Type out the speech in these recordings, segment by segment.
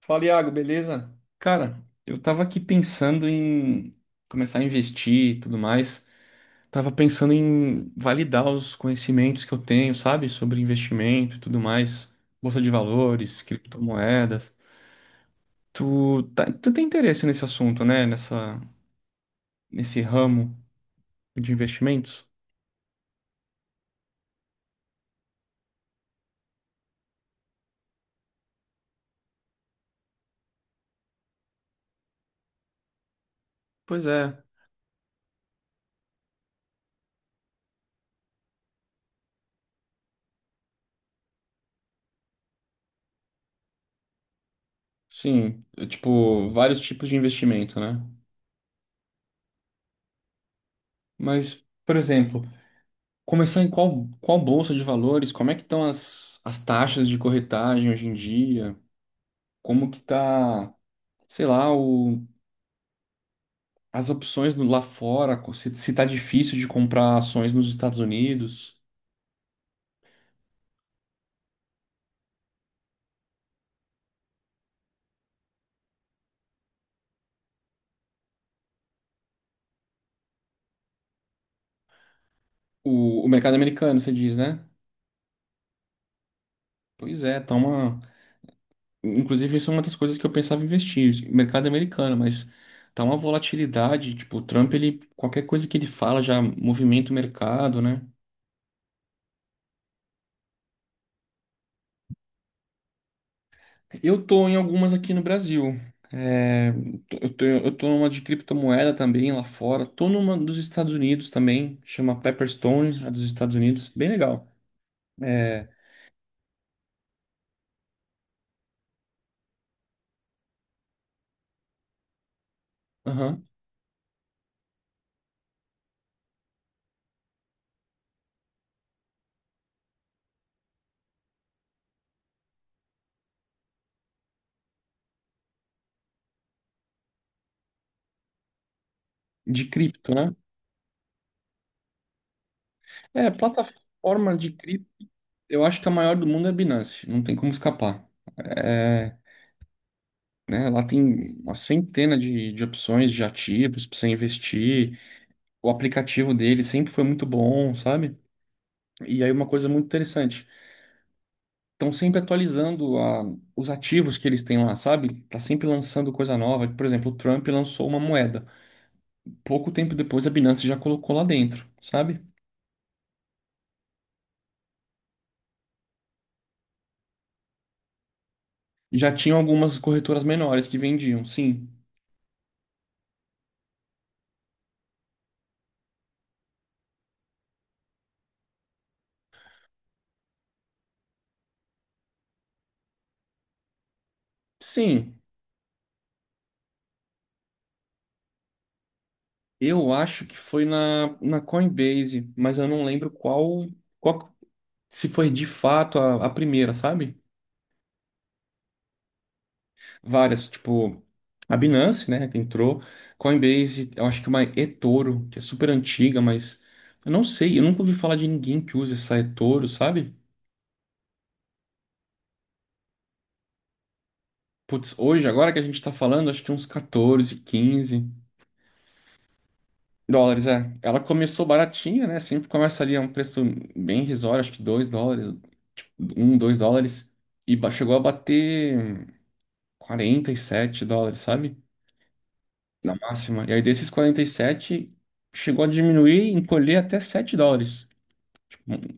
Fala, Iago, beleza? Cara, eu tava aqui pensando em começar a investir e tudo mais. Tava pensando em validar os conhecimentos que eu tenho, sabe? Sobre investimento e tudo mais, bolsa de valores, criptomoedas. Tu tem interesse nesse assunto, né? Nesse ramo de investimentos? Pois é, sim. Tipo, vários tipos de investimento, né? Mas, por exemplo. Começar em qual bolsa de valores? Como é que estão as taxas de corretagem hoje em dia? Como que tá, sei lá, as opções lá fora? Se tá difícil de comprar ações nos Estados Unidos? O mercado americano, você diz, né? Pois é, tá uma. Inclusive, isso é uma das coisas que eu pensava em investir, mercado americano, mas tá uma volatilidade, tipo, o Trump, ele, qualquer coisa que ele fala já movimenta o mercado, né? Eu tô em algumas aqui no Brasil. É, eu tô numa de criptomoeda também lá fora. Tô numa dos Estados Unidos também, chama Pepperstone, a dos Estados Unidos. Bem legal. É, aham, de cripto, né? Plataforma de cripto, eu acho que a maior do mundo é a Binance, não tem como escapar. É, né, lá tem uma centena de opções de ativos para você investir. O aplicativo dele sempre foi muito bom, sabe? E aí uma coisa muito interessante. Estão sempre atualizando os ativos que eles têm lá, sabe? Tá sempre lançando coisa nova. Por exemplo, o Trump lançou uma moeda. Pouco tempo depois, a Binance já colocou lá dentro, sabe? Já tinham algumas corretoras menores que vendiam, sim. Sim, eu acho que foi na Coinbase, mas eu não lembro qual se foi de fato a primeira, sabe? Várias, tipo, a Binance, né, que entrou, Coinbase, eu acho que uma eToro, que é super antiga, mas eu não sei, eu nunca ouvi falar de ninguém que usa essa eToro, sabe? Putz, hoje, agora que a gente tá falando, acho que uns 14, 15 dólares, é. Ela começou baratinha, né, sempre começa ali a um preço bem irrisório, acho que 2 dólares, tipo, 1, 2 dólares, e chegou a bater 47 dólares, sabe? Na máxima. E aí desses 47 chegou a diminuir, encolher até 7 dólares.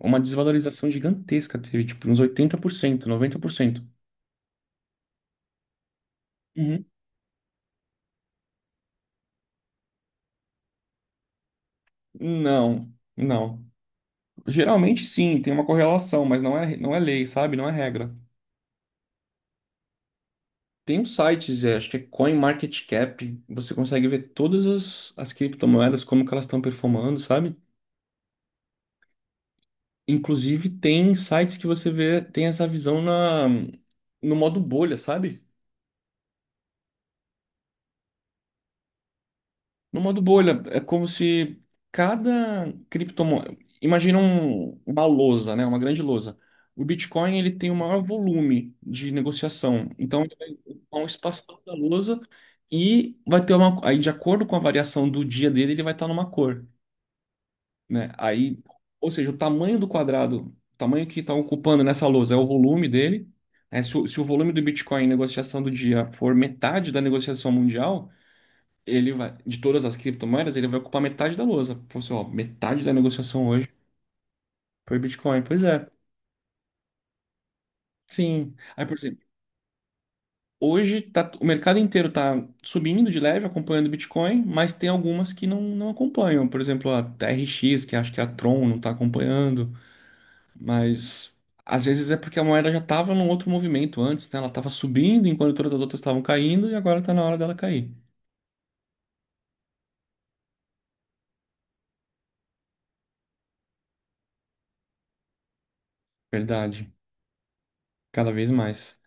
Uma desvalorização gigantesca teve, tipo, uns 80%, 90%. Uhum. Não, não. Geralmente sim, tem uma correlação, mas não é lei, sabe? Não é regra. Tem uns sites, acho que é CoinMarketCap, você consegue ver todas as criptomoedas, como que elas estão performando, sabe? Inclusive tem sites que você vê, tem essa visão na, no modo bolha, sabe? No modo bolha, é como se cada criptomoeda. Imagina uma lousa, né? Uma grande lousa. O Bitcoin ele tem o maior volume de negociação. Então, ele vai ocupar um espação da lousa e vai ter uma. Aí, de acordo com a variação do dia dele, ele vai estar numa cor, né? Aí, ou seja, o tamanho do quadrado, o tamanho que está ocupando nessa lousa é o volume dele. Né? Se o volume do Bitcoin em negociação do dia for metade da negociação mundial ele vai, de todas as criptomoedas, ele vai ocupar metade da lousa. Pô, assim, ó, metade da negociação hoje foi Bitcoin. Pois é, sim. Aí, por exemplo, hoje tá, o mercado inteiro tá subindo de leve, acompanhando o Bitcoin, mas tem algumas que não acompanham. Por exemplo, a TRX, que acho que a Tron não tá acompanhando, mas. Às vezes é porque a moeda já estava num outro movimento antes, né? Ela estava subindo enquanto todas as outras estavam caindo e agora está na hora dela cair. Verdade. Cada vez mais.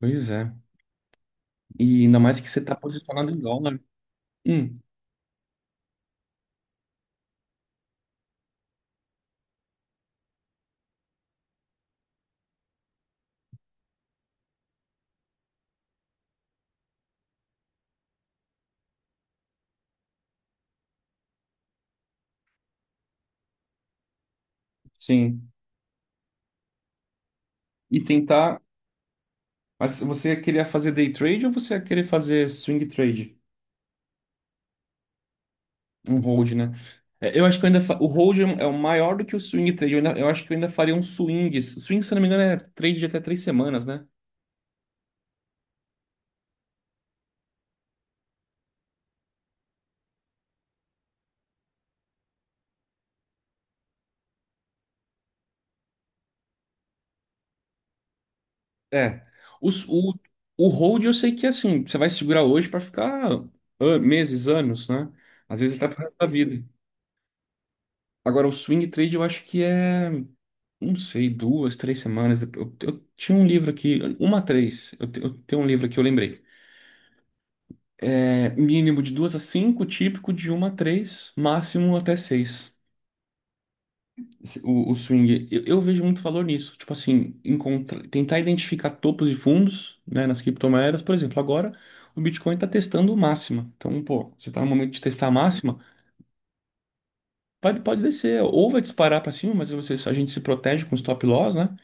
Pois é. E ainda mais que você está posicionado em dólar. Hum, sim. E tentar. Mas você queria fazer day trade ou você ia querer fazer swing trade? Um hold, né? Eu acho que eu ainda. O hold é um, é o maior do que o swing trade. Eu acho que eu ainda faria um swing. Swing, se não me engano, é trade de até 3 semanas, né? É. Os- O, o hold eu sei que é assim. Você vai segurar hoje para ficar meses, anos, né? Às vezes até para a vida. Agora, o swing trade eu acho que é. Não sei, duas, 3 semanas. Eu tinha um livro aqui, 1 a 3. Eu, eu tenho um livro aqui, eu lembrei. É, mínimo de 2 a 5, típico de 1 a 3, máximo até 6. O swing. Eu vejo muito valor nisso. Tipo assim, encontra, tentar identificar topos e fundos, né, nas criptomoedas. Por exemplo, agora o Bitcoin está testando máxima. Então, pô, você está no momento de testar a máxima, pode descer. Ou vai disparar para cima, mas você, a gente se protege com stop loss, né?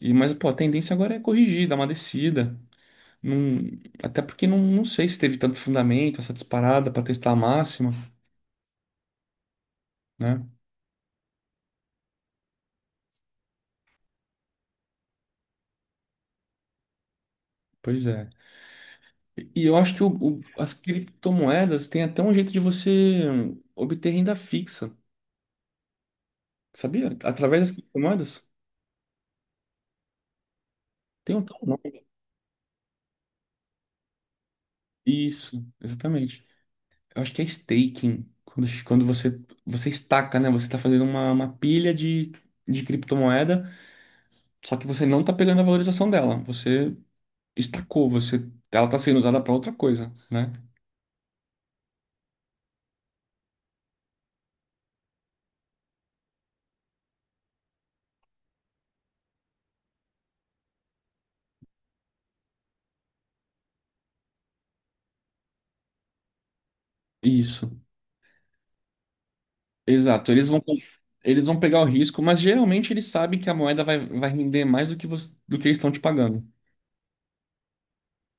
E, mas, pô, a tendência agora é corrigir, dar uma descida. Não- até porque não sei se teve tanto fundamento essa disparada para testar a máxima, né? Pois é. E eu acho que as criptomoedas têm até um jeito de você obter renda fixa, sabia? Através das criptomoedas. Tem um tal nome. Isso, exatamente. Eu acho que é staking. Quando você, você estaca, né? Você está fazendo uma pilha de criptomoeda, só que você não está pegando a valorização dela. Você estacou, você, ela está sendo usada para outra coisa, né? Isso. Exato, eles vão pegar o risco, mas geralmente eles sabem que a moeda vai render mais do que, do que eles estão te pagando,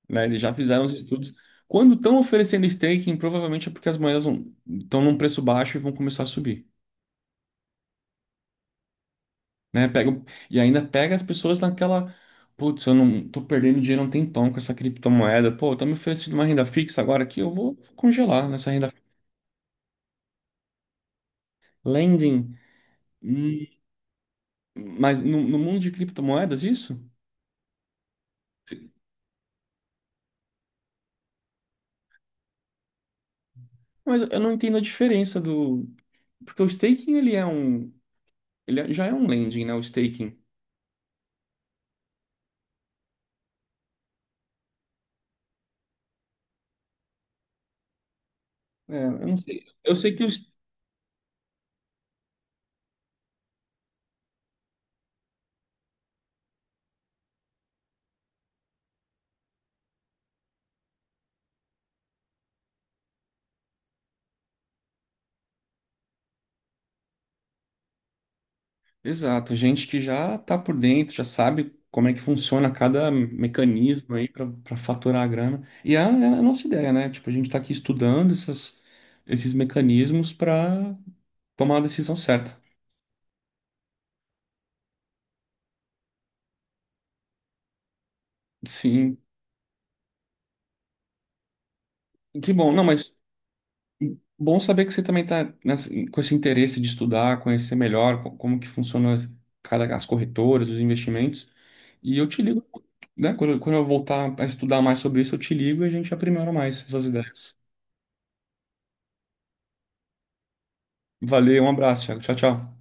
né? Eles já fizeram os estudos. Quando estão oferecendo staking, provavelmente é porque as moedas estão num preço baixo e vão começar a subir, né? Pega, e ainda pega as pessoas naquela, putz, eu não tô perdendo dinheiro há um tempão com essa criptomoeda, pô, estão me oferecendo uma renda fixa agora aqui, eu vou congelar nessa renda. Lending, hum, mas no mundo de criptomoedas, isso? Mas eu não entendo a diferença do. Porque o staking, ele é um. Ele já é um lending, né? O staking. Eu não sei. Eu sei que os. Exato, gente que já tá por dentro, já sabe como é que funciona cada mecanismo aí para faturar a grana. E é a nossa ideia, né? Tipo, a gente tá aqui estudando essas, esses mecanismos para tomar a decisão certa. Sim, que bom. Não, mas bom saber que você também está com esse interesse de estudar, conhecer melhor como que funciona cada as corretoras, os investimentos. E eu te ligo, né? Quando, quando eu voltar a estudar mais sobre isso, eu te ligo e a gente aprimora mais essas ideias. Valeu, um abraço, Thiago. Tchau, tchau.